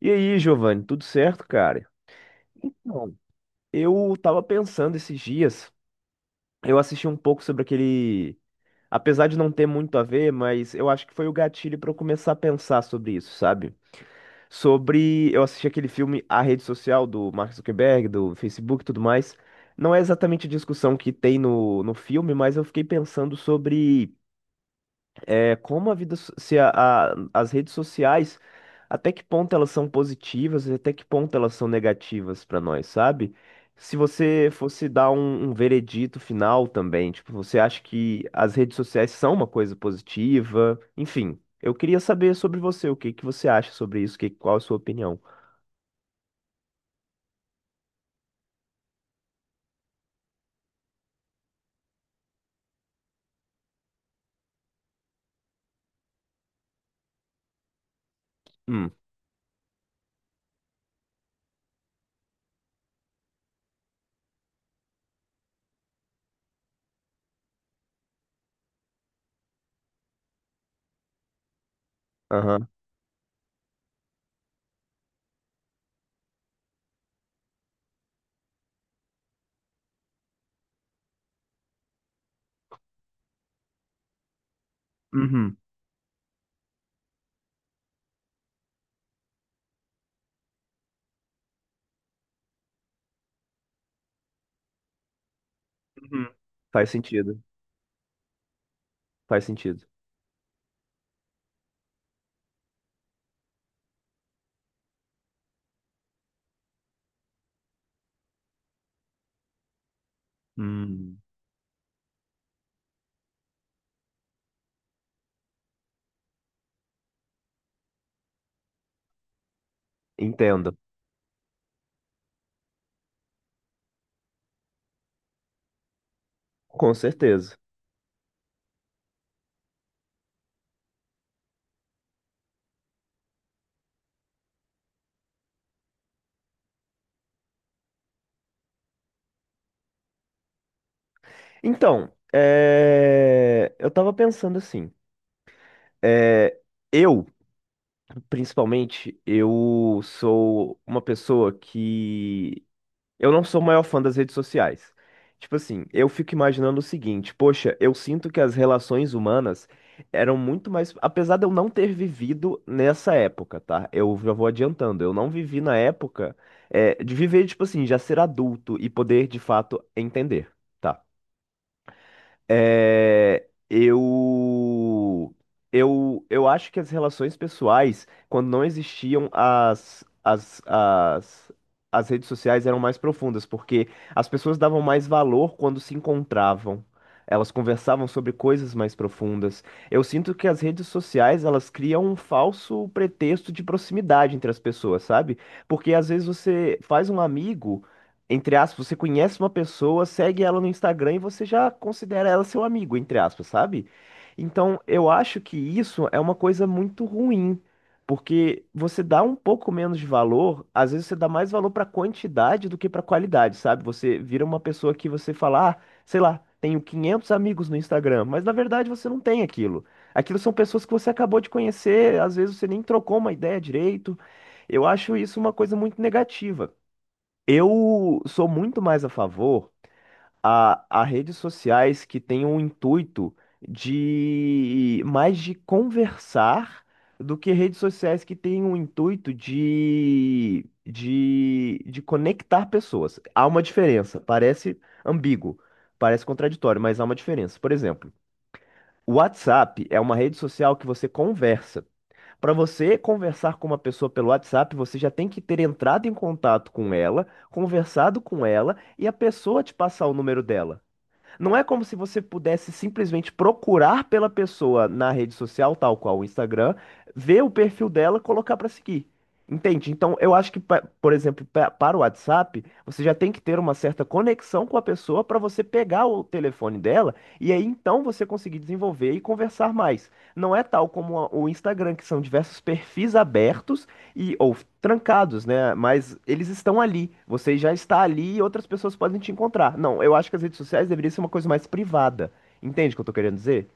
E aí, Giovanni, tudo certo, cara? Então, eu tava pensando esses dias, eu assisti um pouco sobre aquele. Apesar de não ter muito a ver, mas eu acho que foi o gatilho pra eu começar a pensar sobre isso, sabe? Sobre. Eu assisti aquele filme A Rede Social do Mark Zuckerberg, do Facebook e tudo mais. Não é exatamente a discussão que tem no filme, mas eu fiquei pensando sobre. Como a vida, so- se a- a- as redes sociais, até que ponto elas são positivas e até que ponto elas são negativas para nós, sabe? Se você fosse dar um veredito final também, tipo, você acha que as redes sociais são uma coisa positiva? Enfim, eu queria saber sobre você, o que que você acha sobre isso, qual a sua opinião? Hum, aham, uhum, uhum. Faz sentido, faz sentido. Hum, entendo, com certeza. Então, eu tava pensando assim, é, eu, principalmente, eu sou uma pessoa que eu não sou o maior fã das redes sociais. Tipo assim, eu fico imaginando o seguinte, poxa, eu sinto que as relações humanas eram muito mais, apesar de eu não ter vivido nessa época, tá? Eu já vou adiantando, eu não vivi na época, de viver, tipo assim, já ser adulto e poder de fato entender. Tá? É, eu, eu acho que as relações pessoais, quando não existiam as redes sociais, eram mais profundas, porque as pessoas davam mais valor quando se encontravam. Elas conversavam sobre coisas mais profundas. Eu sinto que as redes sociais, elas criam um falso pretexto de proximidade entre as pessoas, sabe? Porque às vezes você faz um amigo entre aspas, você conhece uma pessoa, segue ela no Instagram e você já considera ela seu amigo, entre aspas, sabe? Então, eu acho que isso é uma coisa muito ruim, porque você dá um pouco menos de valor, às vezes você dá mais valor pra quantidade do que pra qualidade, sabe? Você vira uma pessoa que você fala, ah, sei lá, tenho 500 amigos no Instagram, mas na verdade você não tem aquilo. Aquilo são pessoas que você acabou de conhecer, às vezes você nem trocou uma ideia direito. Eu acho isso uma coisa muito negativa. Eu sou muito mais a favor a redes sociais que têm um intuito de mais de conversar do que redes sociais que têm um intuito de conectar pessoas. Há uma diferença, parece ambíguo, parece contraditório, mas há uma diferença. Por exemplo, o WhatsApp é uma rede social que você conversa. Para você conversar com uma pessoa pelo WhatsApp, você já tem que ter entrado em contato com ela, conversado com ela e a pessoa te passar o número dela. Não é como se você pudesse simplesmente procurar pela pessoa na rede social, tal qual o Instagram, ver o perfil dela, colocar pra seguir. Entende? Então, eu acho que, por exemplo, para o WhatsApp, você já tem que ter uma certa conexão com a pessoa para você pegar o telefone dela e aí então você conseguir desenvolver e conversar mais. Não é tal como o Instagram, que são diversos perfis abertos e ou trancados, né? Mas eles estão ali. Você já está ali e outras pessoas podem te encontrar. Não, eu acho que as redes sociais deveriam ser uma coisa mais privada. Entende o que eu tô querendo dizer?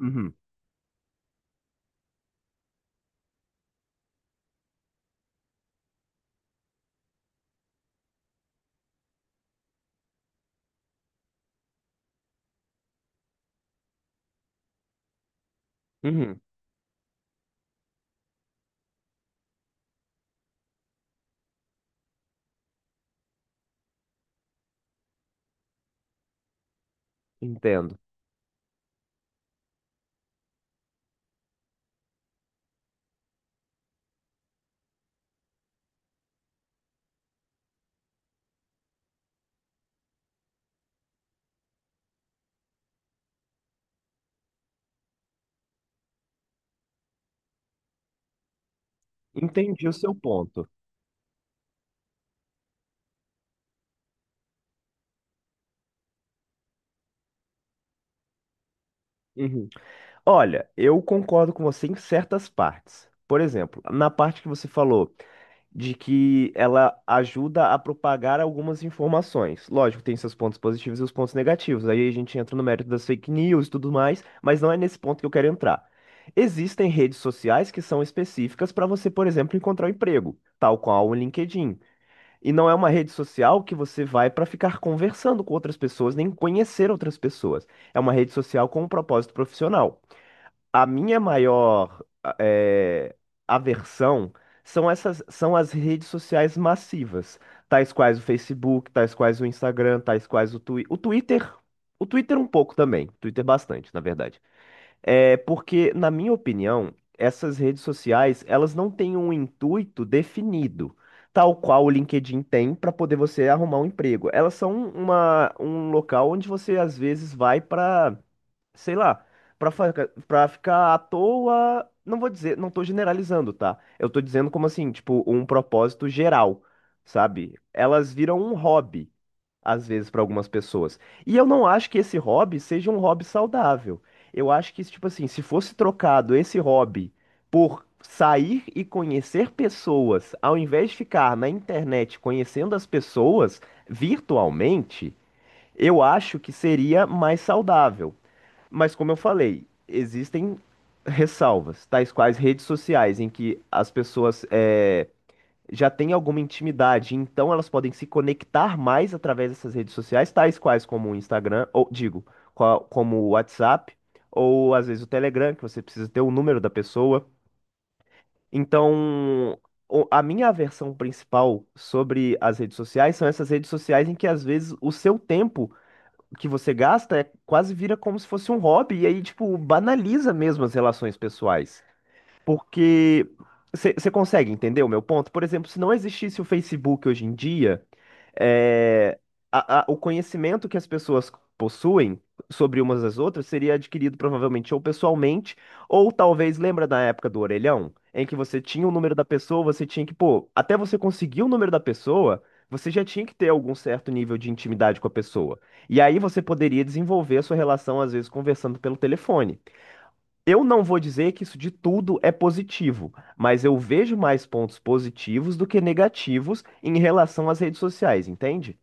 Uhum. Uhum, entendo. Entendi o seu ponto. Uhum. Olha, eu concordo com você em certas partes. Por exemplo, na parte que você falou de que ela ajuda a propagar algumas informações. Lógico, tem seus pontos positivos e os pontos negativos. Aí a gente entra no mérito das fake news e tudo mais, mas não é nesse ponto que eu quero entrar. Existem redes sociais que são específicas para você, por exemplo, encontrar um emprego, tal qual o LinkedIn. E não é uma rede social que você vai para ficar conversando com outras pessoas, nem conhecer outras pessoas. É uma rede social com um propósito profissional. A minha maior eh, aversão são as redes sociais massivas, tais quais o Facebook, tais quais o Instagram, tais quais o Twitter. O Twitter um pouco também, Twitter bastante, na verdade. É porque, na minha opinião, essas redes sociais, elas não têm um intuito definido, tal qual o LinkedIn tem para poder você arrumar um emprego. Elas são um local onde você às vezes vai para sei lá, pra, fa- pra ficar à toa, não vou dizer, não tô generalizando, tá? Eu tô dizendo como assim, tipo, um propósito geral, sabe? Elas viram um hobby, às vezes, pra algumas pessoas. E eu não acho que esse hobby seja um hobby saudável. Eu acho que, tipo assim, se fosse trocado esse hobby por sair e conhecer pessoas, ao invés de ficar na internet conhecendo as pessoas virtualmente, eu acho que seria mais saudável. Mas como eu falei, existem ressalvas, tais quais redes sociais, em que as pessoas já têm alguma intimidade, então elas podem se conectar mais através dessas redes sociais, tais quais como o Instagram, ou digo, como o WhatsApp, ou às vezes o Telegram, que você precisa ter o número da pessoa. Então, a minha aversão principal sobre as redes sociais são essas redes sociais em que às vezes o seu tempo que você gasta é quase vira como se fosse um hobby e aí, tipo, banaliza mesmo as relações pessoais. Porque você consegue entender o meu ponto? Por exemplo, se não existisse o Facebook hoje em dia, é, o conhecimento que as pessoas possuem sobre umas das outras seria adquirido provavelmente ou pessoalmente, ou talvez, lembra da época do orelhão, em que você tinha o número da pessoa, você tinha que, pô, até você conseguir o número da pessoa, você já tinha que ter algum certo nível de intimidade com a pessoa. E aí você poderia desenvolver a sua relação, às vezes, conversando pelo telefone. Eu não vou dizer que isso de tudo é positivo, mas eu vejo mais pontos positivos do que negativos em relação às redes sociais, entende?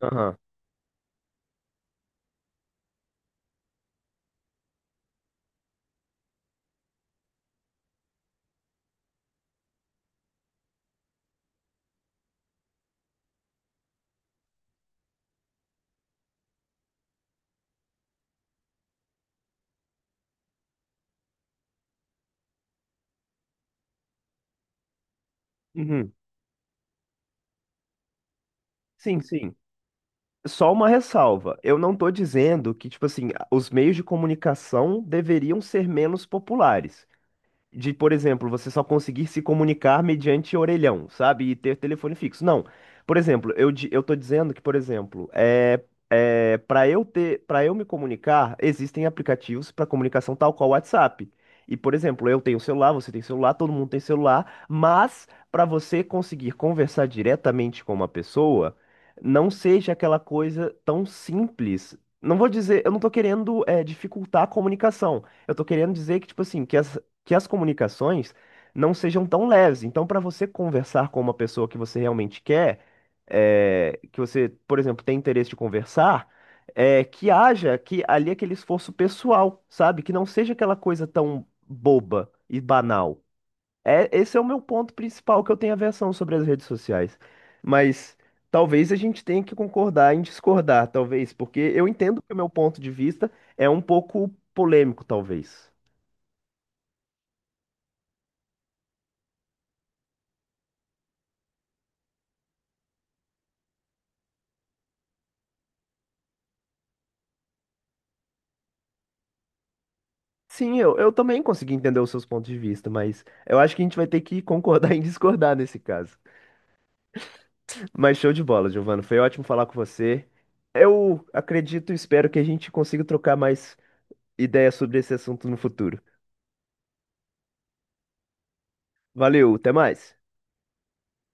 Aham. Uhum. Sim, sim. Só uma ressalva. Eu não estou dizendo que, tipo assim, os meios de comunicação deveriam ser menos populares. De, por exemplo, você só conseguir se comunicar mediante orelhão, sabe? E ter telefone fixo. Não. Por exemplo, eu tô dizendo que, por exemplo, para eu ter, para eu me comunicar, existem aplicativos para comunicação tal qual o WhatsApp. E, por exemplo, eu tenho celular, você tem celular, todo mundo tem celular, mas para você conseguir conversar diretamente com uma pessoa, não seja aquela coisa tão simples. Não vou dizer, eu não tô querendo dificultar a comunicação. Eu tô querendo dizer que, tipo assim, que as comunicações não sejam tão leves. Então, para você conversar com uma pessoa que você realmente quer, que você, por exemplo, tem interesse de conversar, que haja que ali aquele esforço pessoal, sabe? Que não seja aquela coisa tão boba e banal. É, esse é o meu ponto principal que eu tenho aversão sobre as redes sociais. Mas talvez a gente tenha que concordar em discordar, talvez, porque eu entendo que o meu ponto de vista é um pouco polêmico, talvez. Sim, eu também consegui entender os seus pontos de vista, mas eu acho que a gente vai ter que concordar em discordar nesse caso. Mas show de bola, Giovana. Foi ótimo falar com você. Eu acredito e espero que a gente consiga trocar mais ideias sobre esse assunto no futuro. Valeu, até mais.